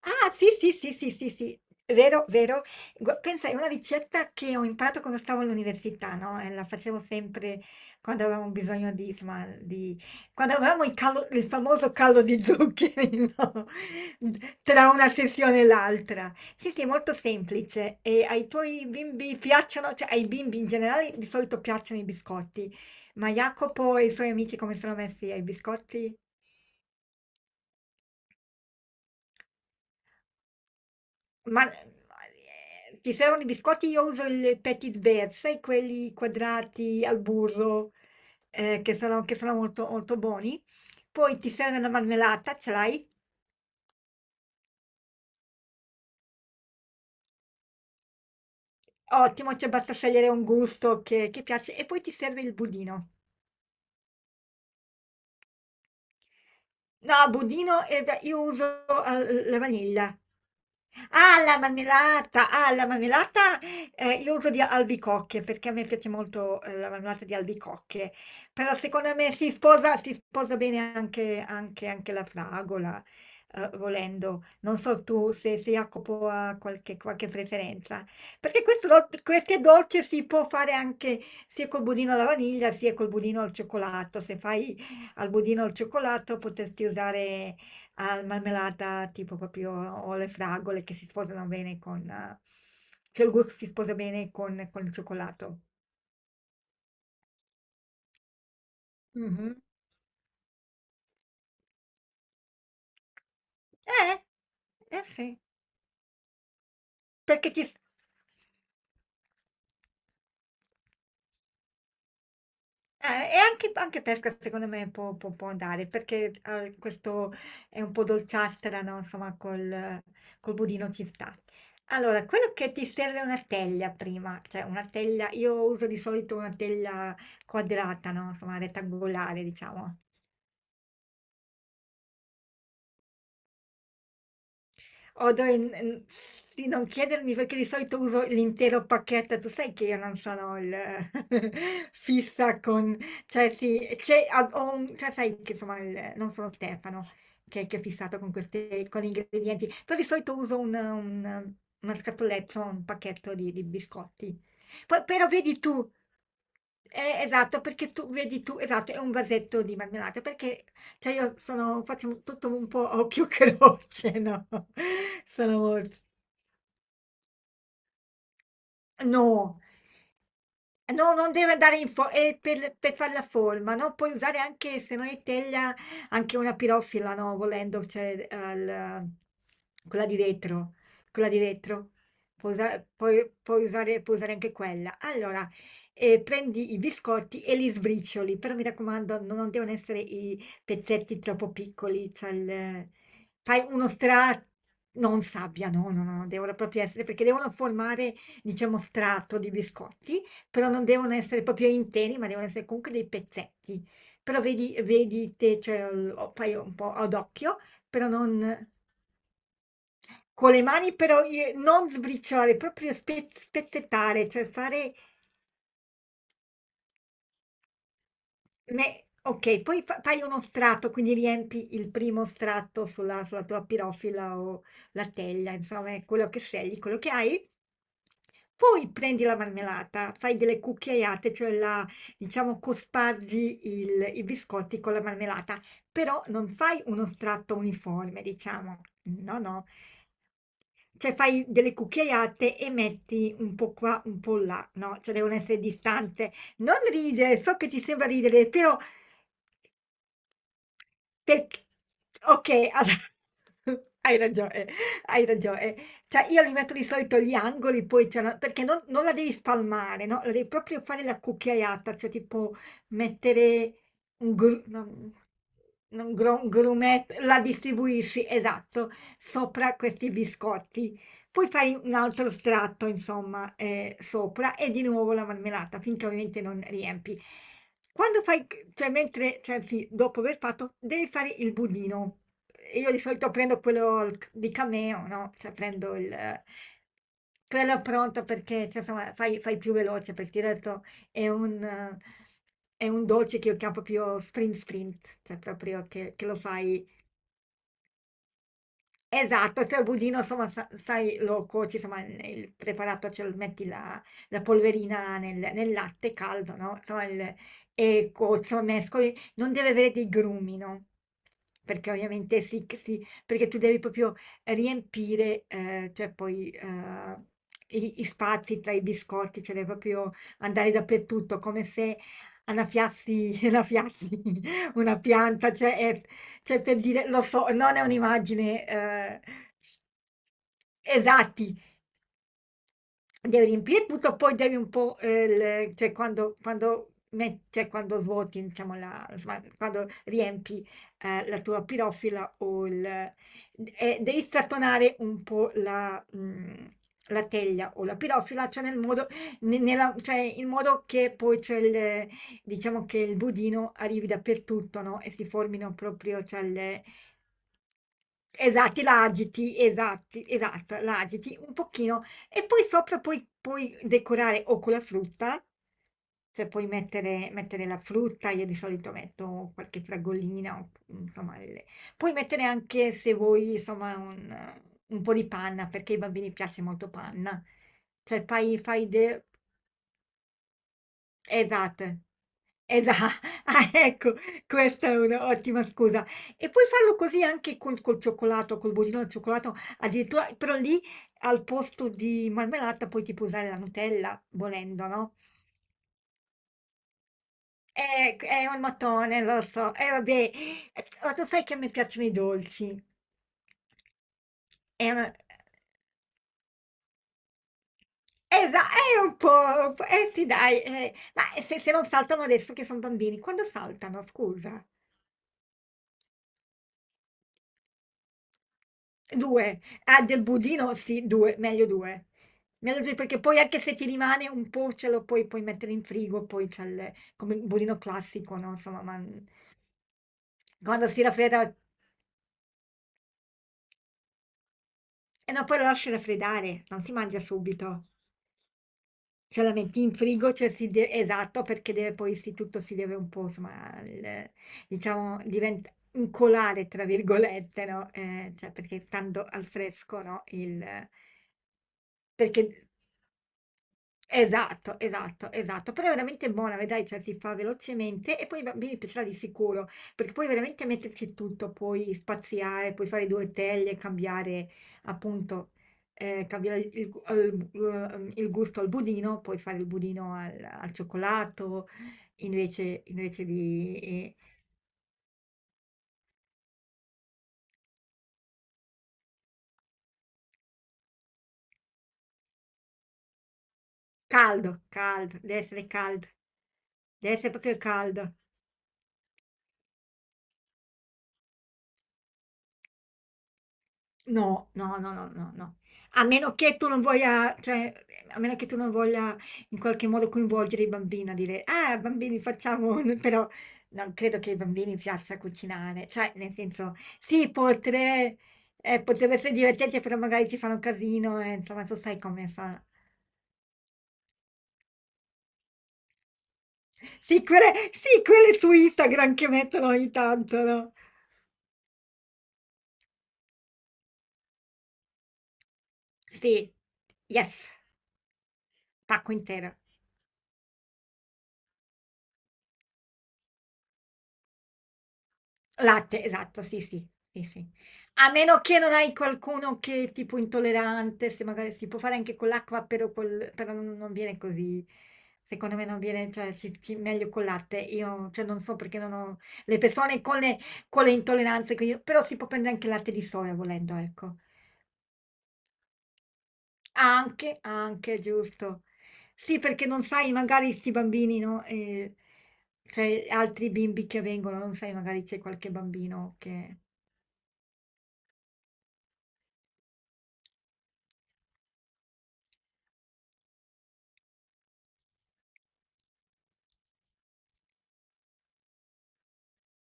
Ah, sì, sì, sì, sì, sì, sì, vero, vero. Pensa, è una ricetta che ho imparato quando stavo all'università, no? E la facevo sempre quando avevamo bisogno di, insomma, di... quando avevamo il, il famoso calo di zuccheri, no? Tra una sessione e l'altra. Sì, sì, è molto semplice. E ai tuoi bimbi piacciono, cioè ai bimbi in generale di solito piacciono i biscotti, ma Jacopo e i suoi amici come sono messi ai biscotti? Ma, ti servono i biscotti? Io uso il Petit Beurre, sai quelli quadrati al burro, che sono molto molto buoni. Poi ti serve una marmellata, ce l'hai? Ottimo, cioè basta scegliere un gusto che piace e poi ti serve il budino. No, budino, beh, io uso, l la vaniglia. Ah, la marmellata! Ah, la marmellata, io uso di albicocche, perché a me piace molto, la marmellata di albicocche, però secondo me si sposa bene anche la fragola, volendo. Non so tu se Jacopo ha qualche preferenza. Perché questo do queste dolce si può fare anche sia col budino alla vaniglia, sia col budino al cioccolato. Se fai al budino al cioccolato potresti usare al marmellata tipo proprio o le fragole che si sposano bene con... che il gusto si sposa bene con il cioccolato. Mhm. Eh, eh sì, perché ci... Eh, e anche pesca secondo me può andare, perché, questo è un po' dolciastra, no, insomma col budino ci sta. Allora, quello che ti serve è una teglia prima, cioè una teglia io uso di solito una teglia quadrata, no, insomma rettangolare diciamo. Odo in- in- sì, non chiedermi perché di solito uso l'intero pacchetto, tu sai che io non sono il fissa con, cioè sì, cioè, sai che insomma non sono Stefano che è fissato con queste, con gli ingredienti, però di solito uso una scatoletta, un pacchetto di biscotti. Però vedi tu, esatto, perché tu, vedi tu, esatto, è un vasetto di marmellata, perché cioè io sono faccio tutto un po' a occhio croce, no? Sono molto no! No, non deve andare in fo e per far la forma, no, puoi usare anche se non è teglia, anche una pirofila, no, volendo, cioè al quella di vetro, quella di vetro. Puoi usare anche quella. Allora, prendi i biscotti e li sbricioli, però mi raccomando, non devono essere i pezzetti troppo piccoli, cioè fai uno strato, non sabbia, no, no, no, devono proprio essere, perché devono formare, diciamo, strato di biscotti. Però non devono essere proprio interi, ma devono essere comunque dei pezzetti. Però vedi te, cioè lo fai un po' ad occhio, però non con le mani però i non sbriciolare, proprio spezzettare, cioè fare Me okay, poi fa fai uno strato, quindi riempi il primo strato sulla tua pirofila o la teglia, insomma è quello che scegli, quello che hai. Poi prendi la marmellata, fai delle cucchiaiate, cioè la diciamo cospargi il i biscotti con la marmellata, però non fai uno strato uniforme, diciamo. No, no. Cioè fai delle cucchiaiate e metti un po' qua, un po' là, no, cioè devono essere distanze. Non ridere, so che ti sembra ridere, però Tec- ok, hai ragione, hai ragione. Cioè, io li metto di solito gli angoli, poi c'è perché non la devi spalmare, no? La devi proprio fare la cucchiaiata, cioè tipo mettere un gruppo, grumet, la distribuisci, esatto, sopra questi biscotti. Poi fai un altro strato, insomma, sopra e di nuovo la marmellata, finché ovviamente non riempi. Quando fai, cioè mentre, cioè, anzi, dopo aver fatto, devi fare il budino. Io di solito prendo quello di Cameo, no? Cioè prendo quello pronto perché, cioè, insomma, fai più veloce, perché ti ho detto, è un, eh, è un dolce che io chiamo proprio sprint sprint, cioè proprio che lo fai Esatto, cioè il budino insomma sa sai lo cuoci, insomma il preparato, cioè lo metti la polverina nel latte caldo, no, insomma il e cuoci, insomma mescoli, non deve avere dei grumi, no, perché ovviamente si c si perché tu devi proprio riempire, cioè poi, gli spazi tra i biscotti, cioè devi proprio andare dappertutto, come se annaffiassi annaffiassi una pianta, cioè è cioè per dire, lo so, non è un'immagine esatti, devi riempire tutto, poi devi un po', cioè quando, cioè quando svuoti, diciamo, la, insomma, quando riempi la tua pirofila o devi strattonare un po' la teglia o la pirofila, cioè nel modo, cioè in modo che poi c'è il, diciamo che il budino arrivi dappertutto, no? E si formino proprio, cioè, le, Esatti, la agiti, esatti, esatto, la agiti un pochino e poi sopra puoi decorare o con la frutta, cioè puoi mettere la frutta, io di solito metto qualche fragolina, o, insomma le puoi mettere anche se vuoi insomma un po' di panna, perché ai bambini piace molto panna. Cioè fai fai de Esatto, esa ah, ecco, questa è un'ottima scusa. E puoi farlo così anche col, col cioccolato, col budino al cioccolato, addirittura, però lì al posto di marmellata poi ti puoi tipo usare la Nutella, volendo, no? È un mattone, lo so. E vabbè, ma tu sai che a me piacciono i dolci. È una... è un po', eh sì, dai, ma se non saltano adesso che sono bambini, quando saltano, scusa? 2. Ah, del budino sì, 2, meglio 2. Meglio 2 perché poi anche se ti rimane un po' ce lo puoi mettere in frigo, poi c'è il, come il budino classico, no? Insomma, ma quando si raffredda... E no, poi lo lasci raffreddare, non si mangia subito. Cioè la metti in frigo, cioè esatto, perché deve poi sì, tutto si deve un po', insomma, diciamo, diventa incolare, tra virgolette, no? Cioè perché stando al fresco, no? Il, perché Esatto, esatto, esatto, però è veramente buona, vedrai, cioè si fa velocemente e poi ai bambini piacerà di sicuro, perché puoi veramente metterci tutto, puoi spaziare, puoi fare due teglie, cambiare appunto, cambiare il, il gusto al budino, puoi fare il budino al, al cioccolato, invece di... caldo, caldo, deve essere proprio caldo. No, no, no, no, no, no. A meno che tu non voglia, cioè, a meno che tu non voglia in qualche modo coinvolgere i bambini a dire, ah, bambini, facciamo, un-" però non credo che ai bambini piaccia cucinare, cioè, nel senso, sì, potrebbe essere divertente, però magari ti fanno casino, insomma, sai come fa. Sì, quelle su Instagram che mettono ogni tanto, no? Sì, yes, pacco intero. Latte, esatto, sì, sì, sì, sì. A meno che non hai qualcuno che è tipo intollerante, se magari si può fare anche con l'acqua, però, però non viene così. Secondo me non viene, cioè, meglio col latte. Io, cioè, non so perché non ho le persone con le intolleranze, quindi- però si può prendere anche latte di soia volendo, ecco. Anche, anche, giusto. Sì, perché non sai, magari sti bambini, no? Cioè, altri bimbi che vengono, non sai, magari c'è qualche bambino che...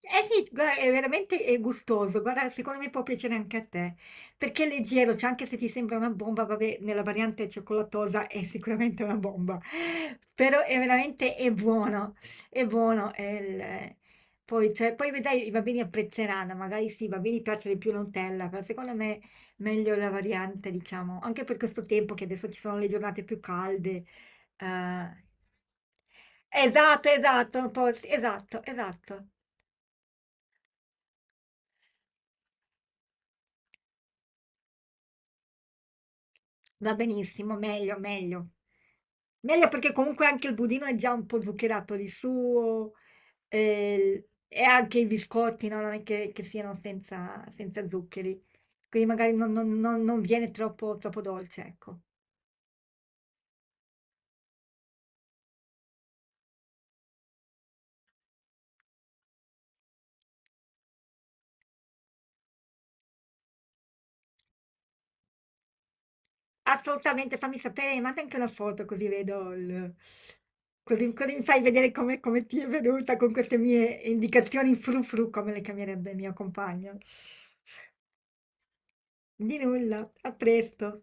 Eh sì, guarda, è veramente gustoso, guarda, secondo me può piacere anche a te, perché è leggero, cioè anche se ti sembra una bomba, vabbè, nella variante cioccolatosa è sicuramente una bomba, però è veramente è buono, poi, cioè, poi vedrai i bambini apprezzeranno, magari sì, i bambini piace di più la Nutella, però secondo me meglio la variante, diciamo, anche per questo tempo che adesso ci sono le giornate più calde. eh, Esatto, esatto, un po' sì, esatto, esatto. Va benissimo, meglio, meglio. Meglio perché comunque anche il budino è già un po' zuccherato di suo e anche i biscotti, no? Non è che siano senza, senza zuccheri, quindi magari non viene troppo, troppo dolce, ecco. Assolutamente, fammi sapere, manda anche una foto così vedo il... Così, così mi fai vedere come, come ti è venuta con queste mie indicazioni frufru, come le chiamerebbe mio compagno. Di nulla, a presto.